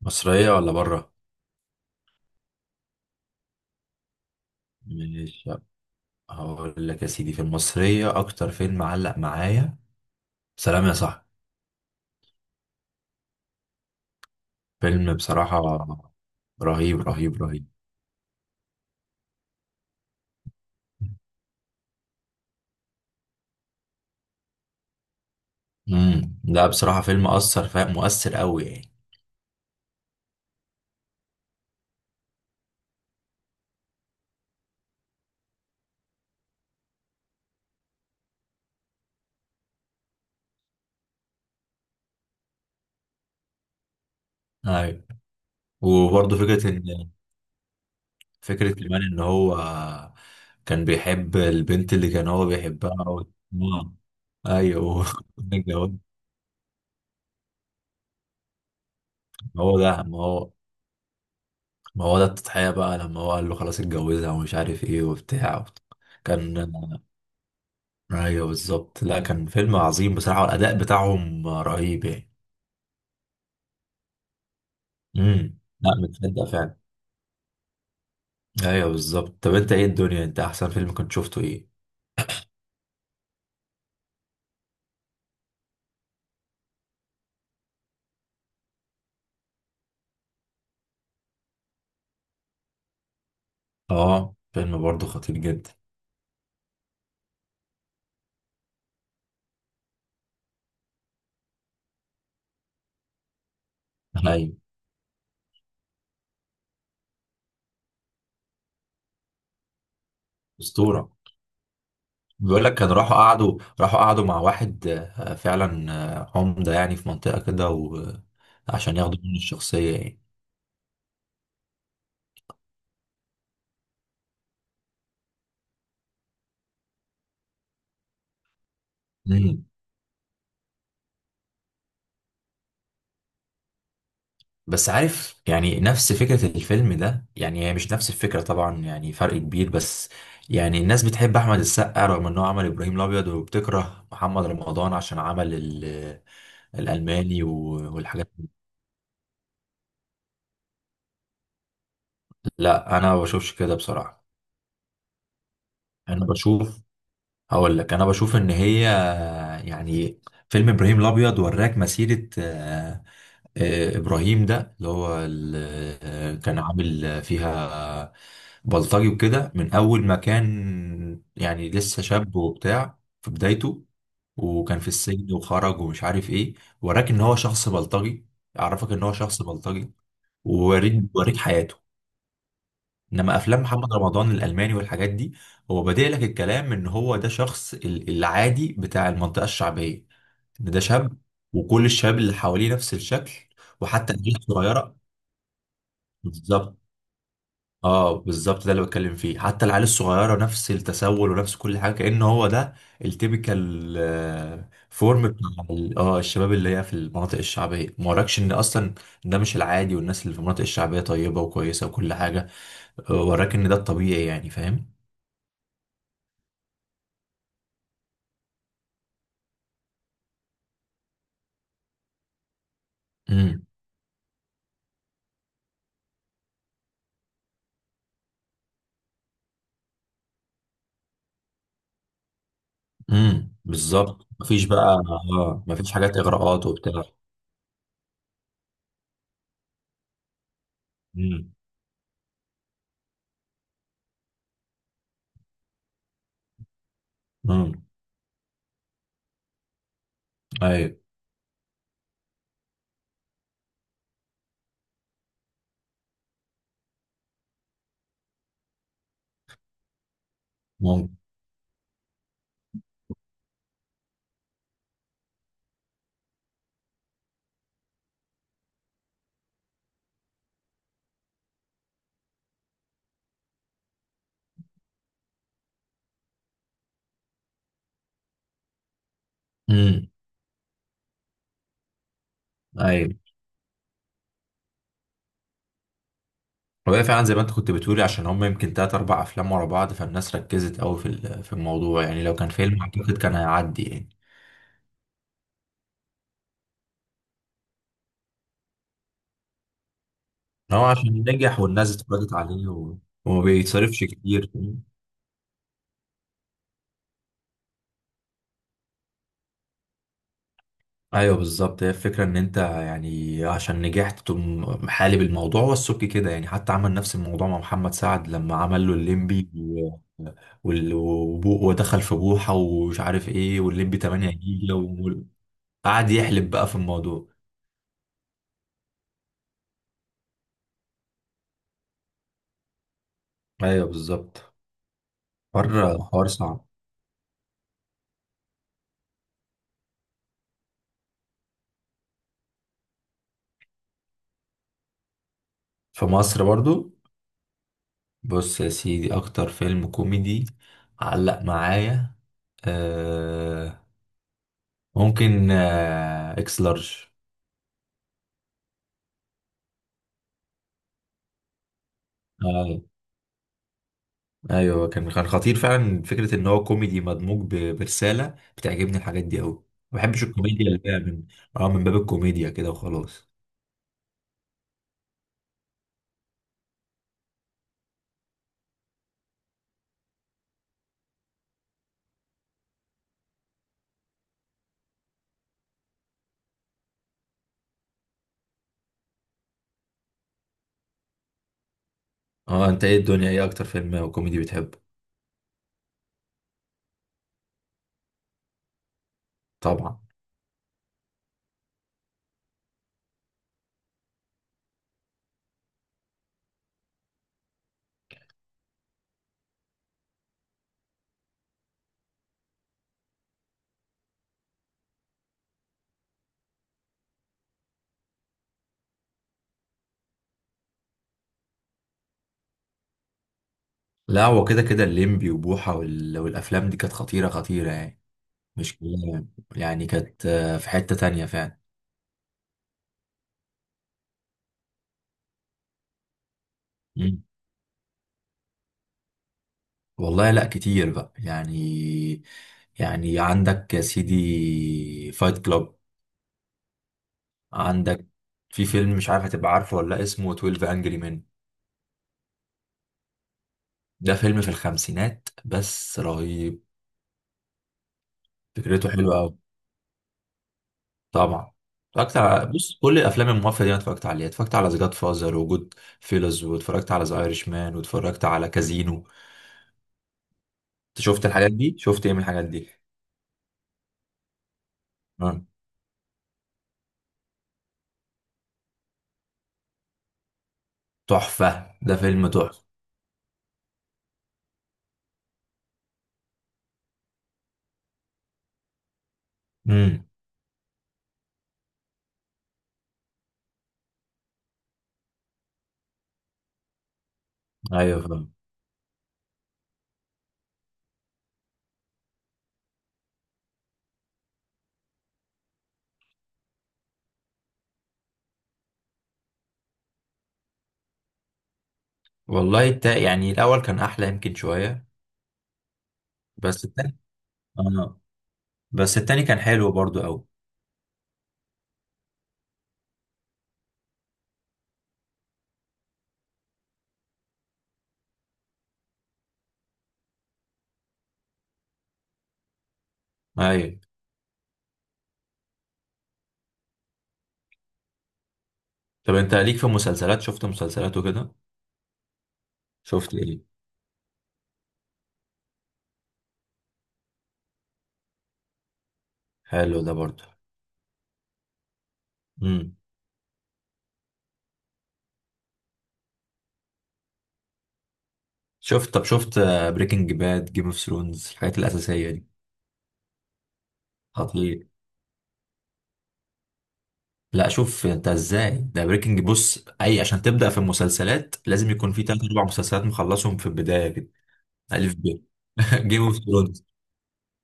مصرية ولا بره؟ مش هقول لك يا سيدي في المصرية أكتر فيلم معلق معايا سلام يا صاحبي. فيلم بصراحة رهيب رهيب رهيب. لا بصراحة فيلم مؤثر قوي يعني. أيوة. وبرضه فكرة إن فكرة كمان إن هو كان بيحب البنت اللي كان هو بيحبها و... آه. أيوه اتجوز. ما هو ده ما هو ما هو ده التضحية بقى لما هو قال له خلاص اتجوزها ومش عارف إيه وبتاع كان. ايوه بالظبط، لا كان فيلم عظيم بصراحه والاداء بتاعهم رهيب يعني. لا متصدق فعلا. ايوه بالظبط. طب انت ايه الدنيا، انت احسن فيلم كنت شفته ايه؟ اه فيلم برضه خطير جدا. ايوه. اسطوره. بيقول لك كانوا راحوا قعدوا راحوا قعدوا مع واحد. آه، فعلا. آه، عمده يعني في منطقه كده. وعشان ياخدوا منه الشخصيه يعني. مم. بس عارف يعني نفس فكرة الفيلم ده، يعني هي مش نفس الفكرة طبعا، يعني فرق كبير، بس يعني الناس بتحب أحمد السقا رغم إنه عمل إبراهيم الأبيض، وبتكره محمد رمضان عشان عمل الألماني والحاجات دي. لا أنا ما بشوفش كده بصراحة. أنا بشوف. هقول لك أنا بشوف إن هي يعني فيلم إبراهيم الأبيض وراك مسيرة. آه، ابراهيم ده اللي هو آه، كان عامل فيها بلطجي وكده، من اول ما كان يعني لسه شاب وبتاع في بدايته. وكان في السجن وخرج ومش عارف ايه. وراك ان هو شخص بلطجي، عرفك ان هو شخص بلطجي، وريك حياته. انما افلام محمد رمضان الالماني والحاجات دي، هو بادئ لك الكلام ان هو ده شخص العادي بتاع المنطقه الشعبيه، ان ده شاب وكل الشباب اللي حواليه نفس الشكل. وحتى العيال الصغيره. بالظبط. اه بالظبط، ده اللي بتكلم فيه، حتى العيال الصغيره نفس التسول ونفس كل حاجه، كأن هو ده التيبيكال فورم بتاع الشباب اللي هي في المناطق الشعبيه، ما وراكش ان اصلا ده مش العادي والناس اللي في المناطق الشعبيه طيبه وكويسه وكل حاجه. آه، وراك ان ده الطبيعي يعني، فاهم. امم. بالظبط، مفيش بقى. اه مفيش حاجات اغراءات وبتاع. امم. امم. ايوه. ممكن. امم. ايوه، وده فعلا زي ما انت كنت بتقولي، عشان هم يمكن تلات أربع أفلام ورا بعض، فالناس ركزت أوي في في الموضوع يعني. لو كان فيلم أعتقد كان هيعدي يعني. إن هو عشان نجح والناس اتفرجت عليه و... وما بيتصرفش كتير. أيوه بالظبط. هي الفكرة إن أنت يعني عشان نجحت تقوم محالب الموضوع والسك كده، يعني حتى عمل نفس الموضوع مع محمد سعد لما عمل له الليمبي و... ودخل في بوحة ومش عارف إيه والليمبي 8 جيجا، وقعد يحلب بقى في الموضوع. أيوه بالظبط. حوار صعب. في مصر برضو. بص يا سيدي اكتر فيلم كوميدي علق معايا آه ممكن آه اكس لارج. آه ايوه كان كان خطير فعلا، فكره ان هو كوميدي مدموج برساله، بتعجبني الحاجات دي قوي. ما بحبش الكوميديا اللي هي من اه من باب الكوميديا كده وخلاص. اه انت ايه الدنيا، ايه اكتر فيلم كوميدي بتحبه؟ طبعا. لا هو كده كده الليمبي وبوحه وال... والافلام دي كانت خطيره خطيره يعني، مش كلها يعني. يعني كانت آه، في حته تانية فعلا. مم. والله لا كتير بقى يعني. يعني عندك يا سيدي فايت كلاب. عندك في فيلم مش عارف هتبقى عارفه ولا لأ، اسمه 12 انجري مان. ده فيلم في الخمسينات بس رهيب. فكرته حلوه قوي. طبعا. اتفرجت على، بص كل الافلام المافيا دي انا اتفرجت عليها. اتفرجت على ذا فازر، وجود فيلز، واتفرجت على ذا ايرش مان، واتفرجت على كازينو. انت شفت الحاجات دي، شفت ايه من الحاجات دي؟ آه. تحفه، ده فيلم تحفه. امم. ايوه، فاهم. والله التا... يعني الأول كان أحلى يمكن شوية، بس التاني. آه. بس التاني كان حلو برضو أوي. أيوة. طب أنت ليك في مسلسلات؟ شفت مسلسلات وكده؟ شفت إيه؟ حلو ده برضو. امم. شفت بريكنج باد، جيم اوف ثرونز، الحاجات الأساسية دي. خطير. لا شوف أنت إزاي، ده بريكنج، بص أي عشان تبدأ في المسلسلات لازم يكون في تلات أربع مسلسلات مخلصهم في البداية كده. ألف ب. جيم اوف ثرونز.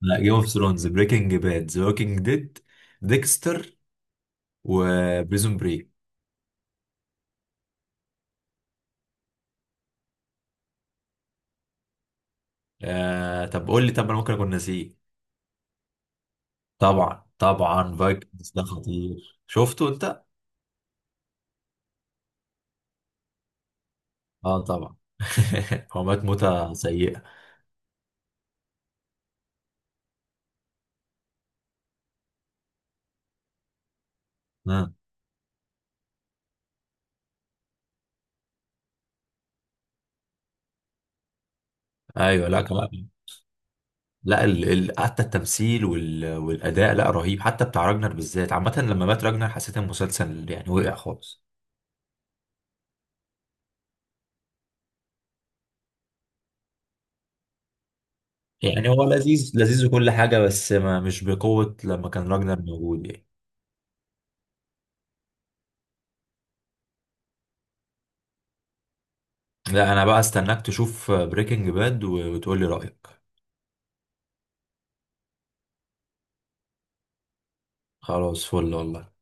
لا جيم اوف ثرونز، بريكنج باد، ذا ووكينج ديد، ديكستر، وبريزون بريك. آه طب قول لي، طب انا ممكن اكون ناسيه. طبعا طبعا، فايكنجز ده خطير، شفته انت؟ اه طبعا هو مات موتة سيئة. آه. ايوه. لا كمان، لا ال... ال... حتى التمثيل وال... والاداء، لا رهيب، حتى بتاع راجنر بالذات. عامة لما مات راجنر حسيت المسلسل يعني وقع خالص. يعني هو لذيذ لذيذ وكل حاجة بس ما مش بقوة لما كان راجنر موجود يعني. لا انا بقى استناك تشوف بريكنج باد وتقول لي رأيك. خلاص فل والله.